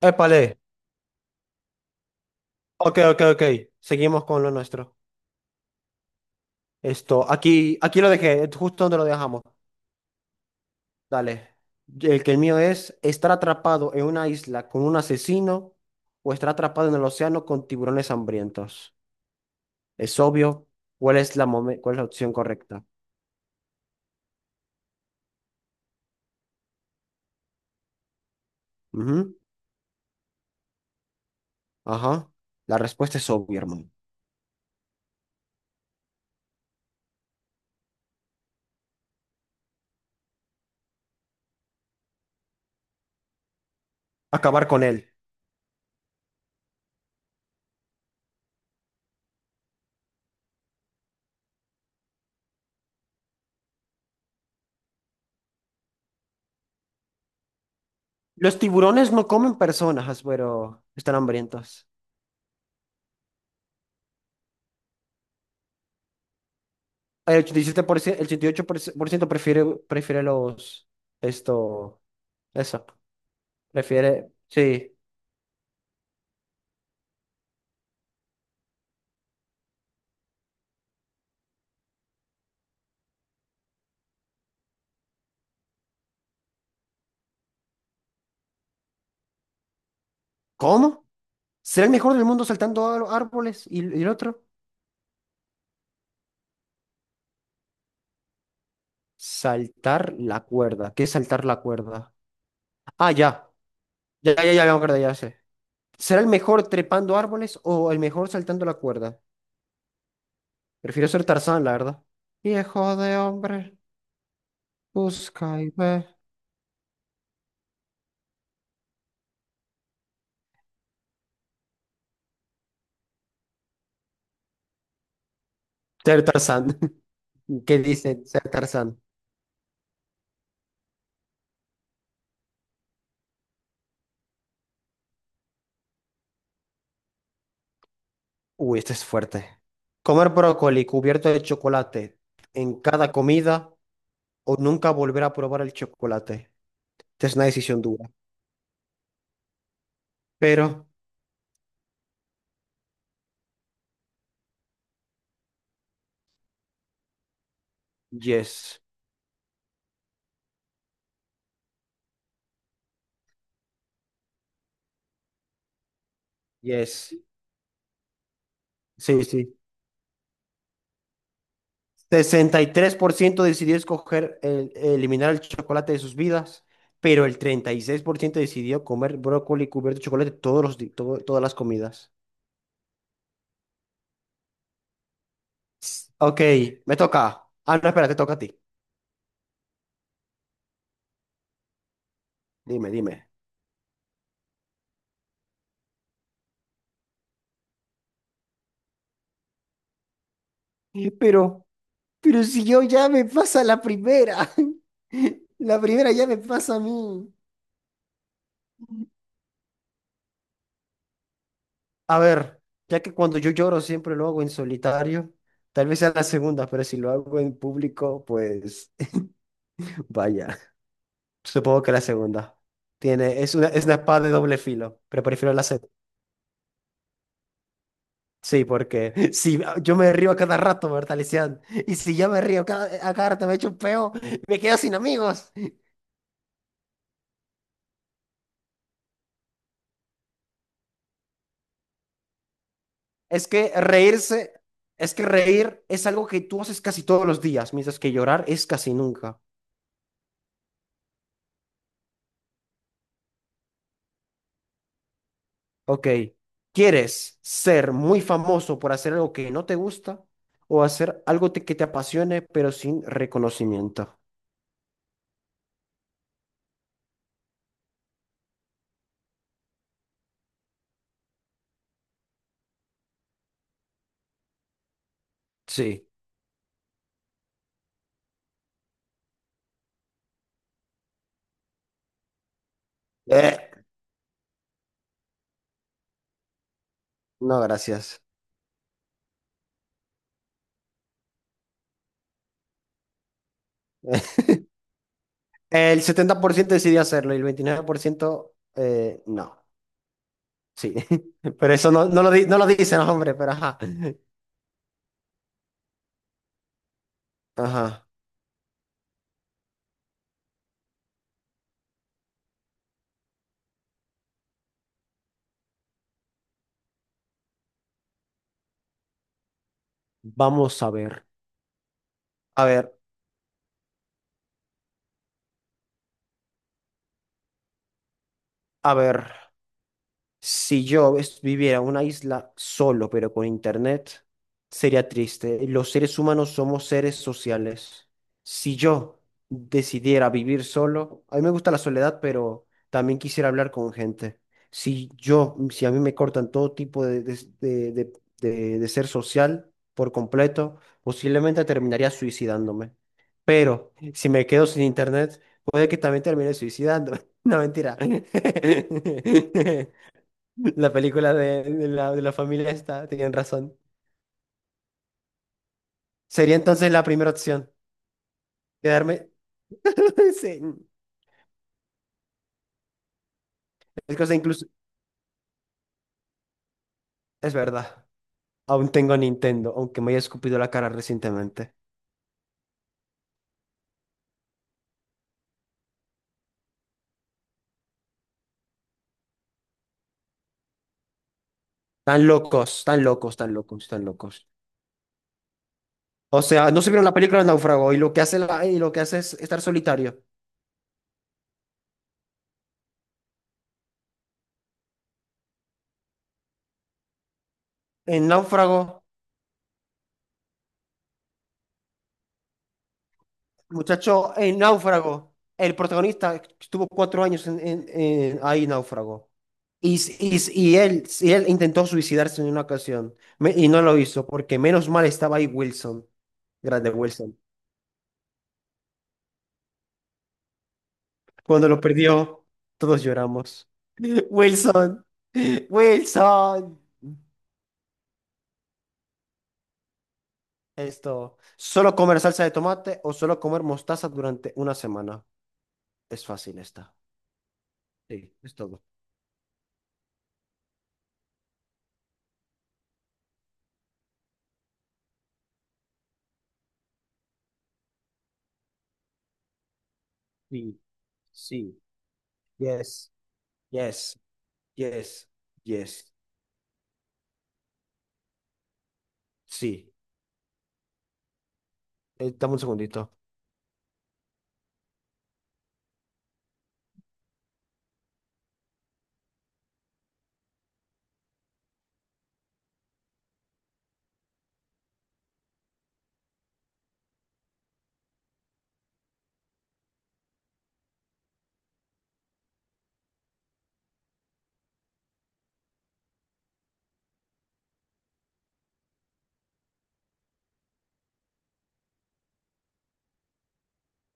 Épale. Ok, ok, ok. Seguimos con lo nuestro. Esto, aquí lo dejé, justo donde lo dejamos. Dale. El mío es estar atrapado en una isla con un asesino o estar atrapado en el océano con tiburones hambrientos. Es obvio cuál es la opción correcta. Ujú. Ajá. La respuesta es obvia, hermano. Acabar con él. Los tiburones no comen personas, pero están hambrientos. El 87%, el 88% prefiere los, esto, eso, prefiere, sí. ¿Cómo? ¿Será el mejor del mundo saltando a los árboles? ¿Y el otro? Saltar la cuerda. ¿Qué es saltar la cuerda? Ah, ya. Ya, ya, ya, ya me acordé, ya sé. ¿Será el mejor trepando árboles o el mejor saltando la cuerda? Prefiero ser Tarzán, la verdad. Viejo de hombre, busca y ve. Ser Tarzán. ¿Qué dicen? Ser Tarzán. Uy, este es fuerte. Comer brócoli cubierto de chocolate en cada comida o nunca volver a probar el chocolate. Esta es una decisión dura. Pero, yes, yes. Sí, sí. 63% decidió eliminar el chocolate de sus vidas, pero el 36% decidió comer brócoli cubierto de chocolate todos los, di- todo- todas las comidas. Ok, me toca. Ah, no, espera, te toca a ti. Dime, dime. Pero... Pero si yo ya me pasa la primera, la primera ya me pasa a mí. A ver, ya que cuando yo lloro siempre lo hago en solitario, tal vez sea la segunda, pero si lo hago en público, pues vaya, supongo que la segunda. Es una espada de doble filo, pero prefiero la segunda. Sí, porque si yo me río a cada rato, ¿verdad, Lisian? Y si yo me río a cada rato me echo un peo, me quedo sin amigos. Es que reírse, es que reír es algo que tú haces casi todos los días, mientras que llorar es casi nunca. Ok. ¿Quieres ser muy famoso por hacer algo que no te gusta o hacer algo que te apasione pero sin reconocimiento? Sí. Eh, no, gracias. El 70% decidió hacerlo y el 29% no. Sí. Pero eso no lo dicen, hombre, pero ajá. Ajá. Vamos a ver. A ver, a ver. Si yo viviera en una isla solo, pero con internet, sería triste. Los seres humanos somos seres sociales. Si yo decidiera vivir solo, a mí me gusta la soledad, pero también quisiera hablar con gente. Si a mí me cortan todo tipo de, de- de ser social por completo, posiblemente terminaría suicidándome. Pero si me quedo sin internet, puede que también termine suicidándome. No, mentira. La película de la familia está, tenían razón. Sería entonces la primera opción. Quedarme. Sí. Es cosa incluso. Es verdad. Aún tengo Nintendo, aunque me haya escupido la cara recientemente. Tan locos, tan locos, tan locos, tan locos. O sea, no se vieron la película de Náufrago y lo que hace, y lo que hace es estar solitario. En Náufrago, muchacho, en Náufrago, el protagonista estuvo 4 años ahí, en Náufrago. Y él intentó suicidarse en una ocasión y no lo hizo porque menos mal estaba ahí Wilson, grande Wilson. Cuando lo perdió, todos lloramos. Wilson, Wilson. Solo comer salsa de tomate o solo comer mostaza durante una semana. Es fácil esta. Sí, es todo. Sí, sí. Yes, yes, yes, yes. Sí. Dame un segundito.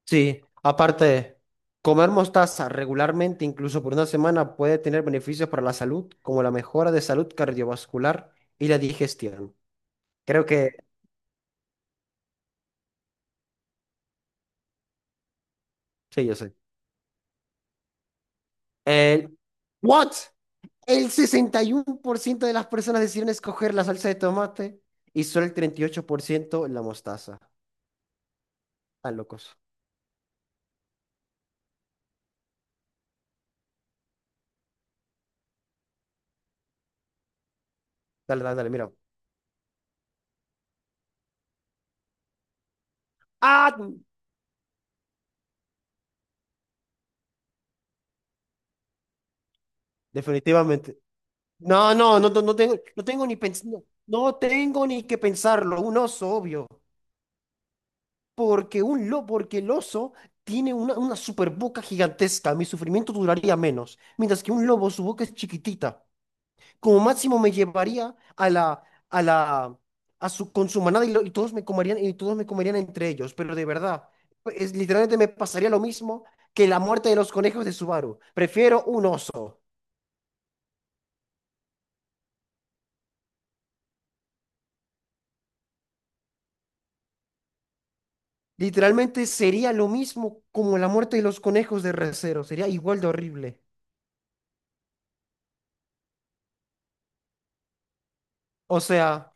Sí, aparte, comer mostaza regularmente, incluso por una semana, puede tener beneficios para la salud, como la mejora de salud cardiovascular y la digestión. Creo que, sí, yo sé. El, ¿what? El 61% de las personas decidieron escoger la salsa de tomate y solo el 38% la mostaza. Están locos. Dale, dale, dale, mira. Ah, definitivamente. No, no, no, no no tengo ni que pensarlo. Un oso, obvio. Porque el oso tiene una super boca gigantesca. Mi sufrimiento duraría menos. Mientras que un lobo, su boca es chiquitita. Como máximo me llevaría a la, a la, a su, con su manada y, y todos me comerían, y todos me comerían entre ellos. Pero de verdad, literalmente me pasaría lo mismo que la muerte de los conejos de Subaru. Prefiero un oso. Literalmente sería lo mismo como la muerte de los conejos de Re:Zero. Sería igual de horrible. O sea.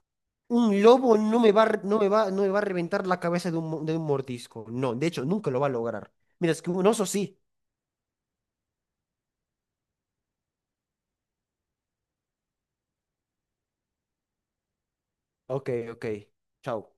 Un lobo no me va, a re- no me va, no me va a reventar la cabeza de un mordisco. No, de hecho, nunca lo va a lograr. Mira, es que un oso sí. Ok, ok. Chao.